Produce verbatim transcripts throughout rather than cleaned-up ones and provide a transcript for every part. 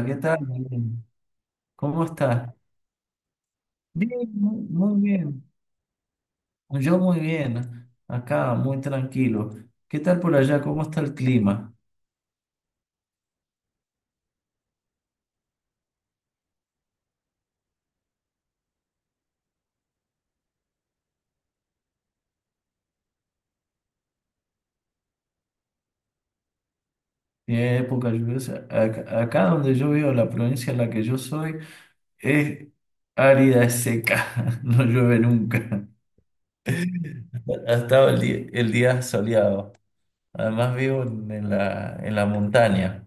Hola, ¿qué tal? ¿Cómo estás? Bien, mu- muy bien. Yo muy bien. Acá, muy tranquilo. ¿Qué tal por allá? ¿Cómo está el clima? ¿Tiene época lluviosa? Acá, acá donde yo vivo, la provincia en la que yo soy, es árida, es seca. No llueve nunca. Ha estado el día, el día soleado. Además vivo en, en la, en la montaña.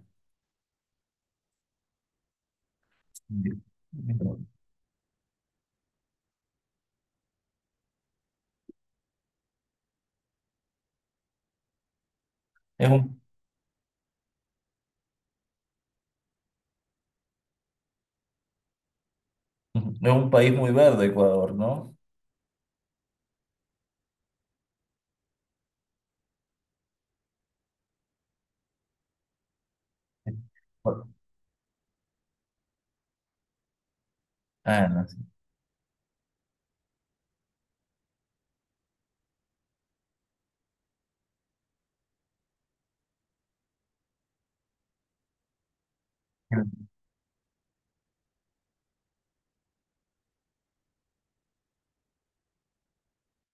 Es un, es un país muy verde, Ecuador, ¿no? Ah, no.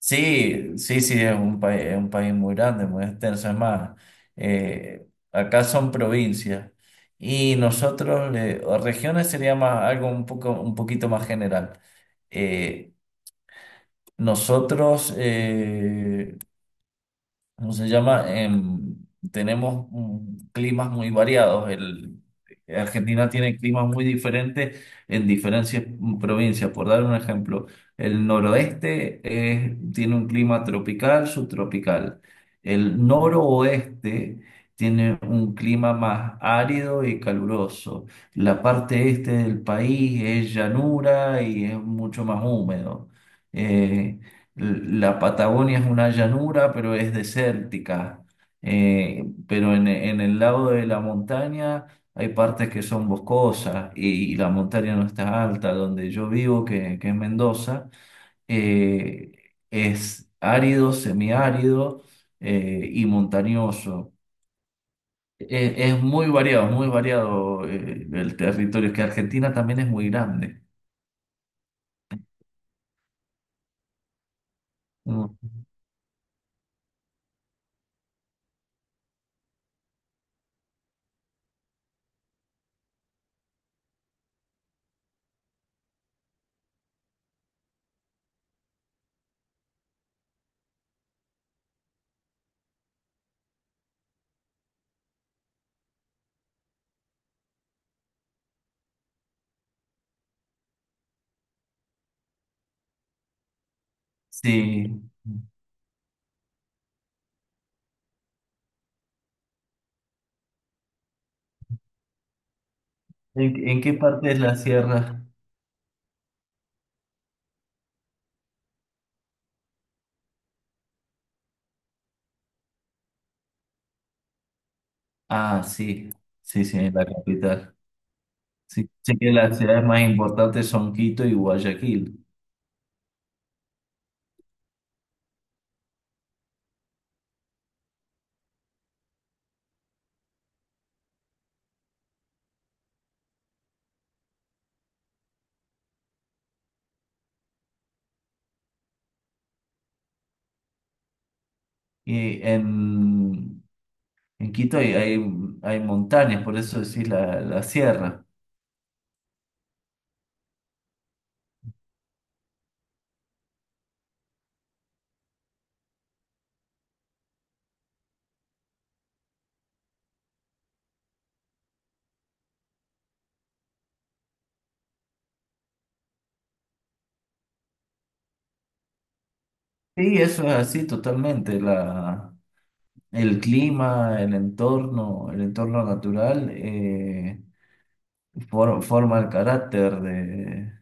Sí, sí, sí, es un país, es un país muy grande, muy extenso. Es más, eh, acá son provincias y nosotros, le- o regiones sería más algo un poco, un poquito más general. Eh, nosotros, eh, ¿cómo se llama? Em, tenemos mm, climas muy variados. El, Argentina tiene climas muy diferentes en diferentes provincias. Por dar un ejemplo, el noroeste es- tiene un clima tropical, subtropical. El noroeste tiene un clima más árido y caluroso. La parte este del país es llanura y es mucho más húmedo. Eh, la Patagonia es una llanura, pero es desértica. Eh, pero en, en el lado de la montaña hay partes que son boscosas y, y la montaña no está alta. Donde yo vivo, que, que es Mendoza, eh, es árido, semiárido eh, y montañoso. Eh, es muy variado, es muy variado eh, el territorio, que Argentina también es muy grande. Mm, Sí. ¿En, en qué parte es la sierra? Ah, sí, sí, sí, en la capital. Sí, sé que las ciudades más importantes son Quito y Guayaquil. Y en, en Quito hay, hay, hay montañas, por eso decís la, la sierra. Sí, eso es así totalmente. La, el clima, el entorno, el entorno natural. eh, for- forma el carácter de,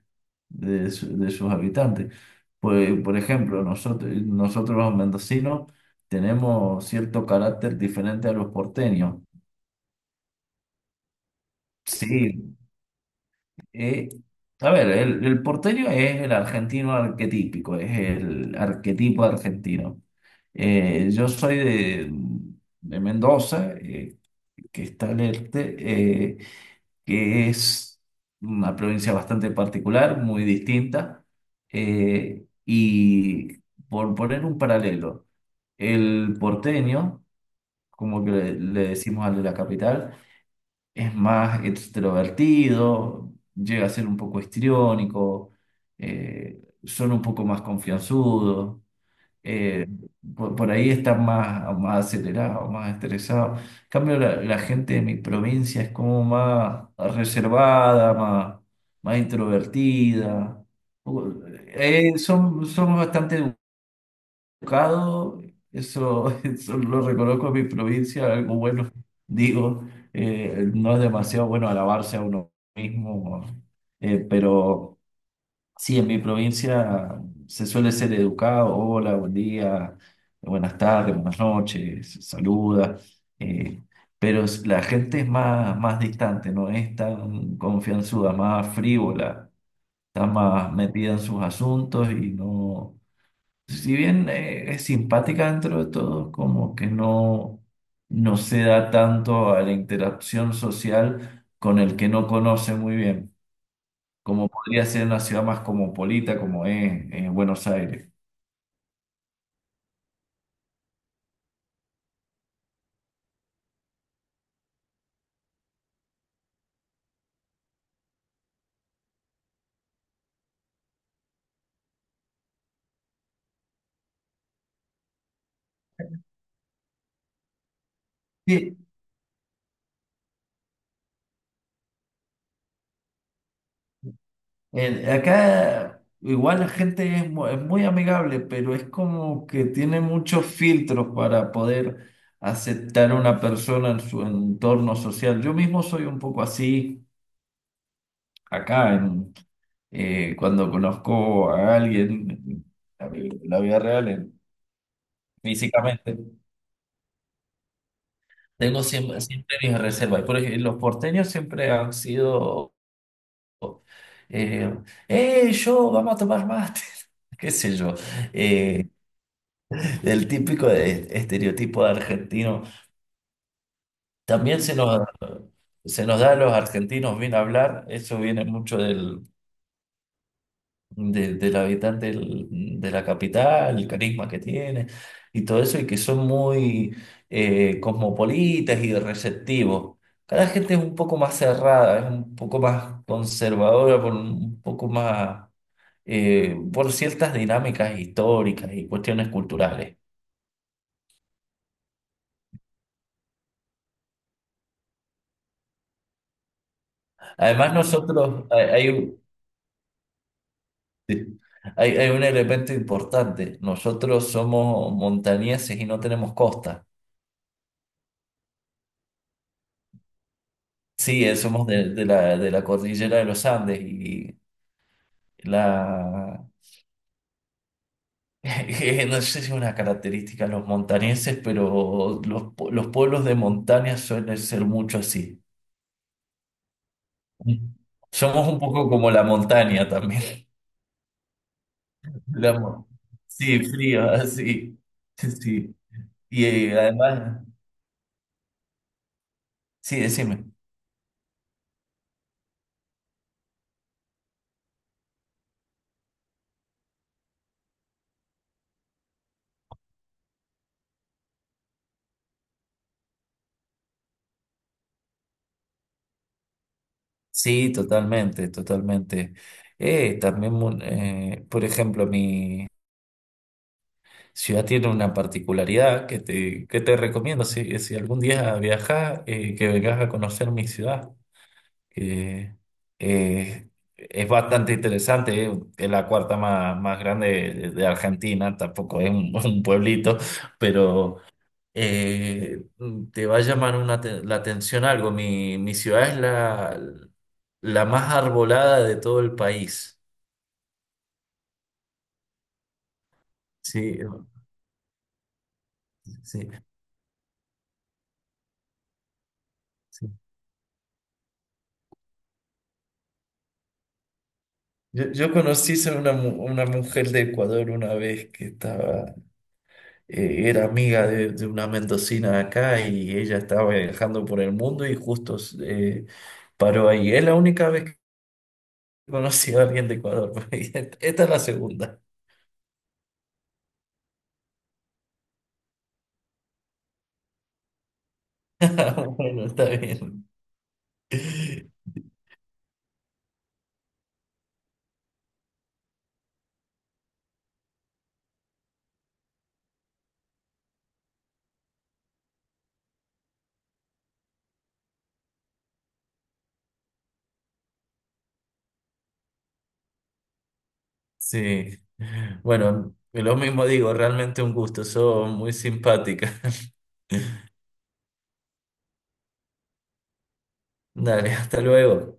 de, su- de sus habitantes. Pues, por ejemplo, nosotros, nosotros los mendocinos tenemos cierto carácter diferente a los porteños. Sí, eh, a ver, el, el porteño es el argentino arquetípico, es el arquetipo argentino. Eh, yo soy de, de Mendoza, eh, que está al este, eh, que es una provincia bastante particular, muy distinta. Eh, y por poner un paralelo, el porteño, como que le, le decimos al de la capital, es más extrovertido, llega a ser un poco histriónico, eh, son un poco más confianzudos, eh, por, por ahí están más, más acelerados, más estresados. En cambio, la, la gente de mi provincia es como más reservada, más, más introvertida. U- eh, son, somos bastante educados, eso, eso lo reconozco en mi provincia, algo bueno, digo, eh, no es demasiado bueno alabarse a uno mismo, eh, pero... Sí, en mi provincia se suele ser educado, hola, buen día, buenas tardes, buenas noches, saluda, eh, pero es- la gente es más, más distante, no es tan confianzuda, más frívola, está más metida en sus asuntos y no, si bien eh, es simpática dentro de todo, como que no, no se da tanto a la interacción social con el que no conoce muy bien, como podría ser una ciudad más cosmopolita como es eh, Buenos Aires. Sí, el- acá igual la gente es, mu- es muy amigable, pero es como que tiene muchos filtros para poder aceptar a una persona en su entorno social. Yo mismo soy un poco así acá, en, eh, cuando conozco a alguien, la, vi- la vida real, en- físicamente. Tengo siempre, siempre mis reservas. Por ejemplo, los porteños siempre han sido. Eh, "Eh, yo, vamos a tomar mate. Qué sé yo, eh, el típico de- estereotipo de argentino. También se nos, se nos da a los argentinos bien hablar, eso viene mucho del, de- del habitante del- de la capital, el carisma que tiene y todo eso, y que son muy eh, cosmopolitas y receptivos. Cada gente es un poco más cerrada, es un poco más conservadora, por un poco más eh, por ciertas dinámicas históricas y cuestiones culturales. Además, nosotros, hay, hay un sí, hay- hay un elemento importante, nosotros somos montañeses y no tenemos costa. Sí, eh, somos de, de la, de la cordillera de los Andes y la... No sé si es una característica de los montañeses, pero los, pu- los pueblos de montaña suelen ser mucho así. Somos un poco como la montaña también. La mo- sí, frío, así. Sí. Sí. Y eh, además, sí, decime. Sí, totalmente, totalmente. Eh, también, mu- eh, por ejemplo, mi... Ciudad tiene una particularidad que te, que te recomiendo si, si algún día viajas, eh, que vengas a conocer mi ciudad, que eh, es bastante interesante, eh, es la cuarta más, más grande de, de Argentina, tampoco es un, un pueblito, pero eh, te va a llamar una te- la atención algo. Mi, mi ciudad es la, la más arbolada de todo el país. Sí, sí. Sí. Yo, yo conocí a una, mu- una mujer de Ecuador una vez que estaba, eh, era amiga de, de una mendocina acá y ella estaba viajando por el mundo y justo eh, paró ahí. Es la única vez que conocí a alguien de Ecuador. Esta es la segunda. Bueno, está bien. Sí. Bueno, lo mismo digo, realmente un gusto. Sos muy simpática. Dale, hasta luego.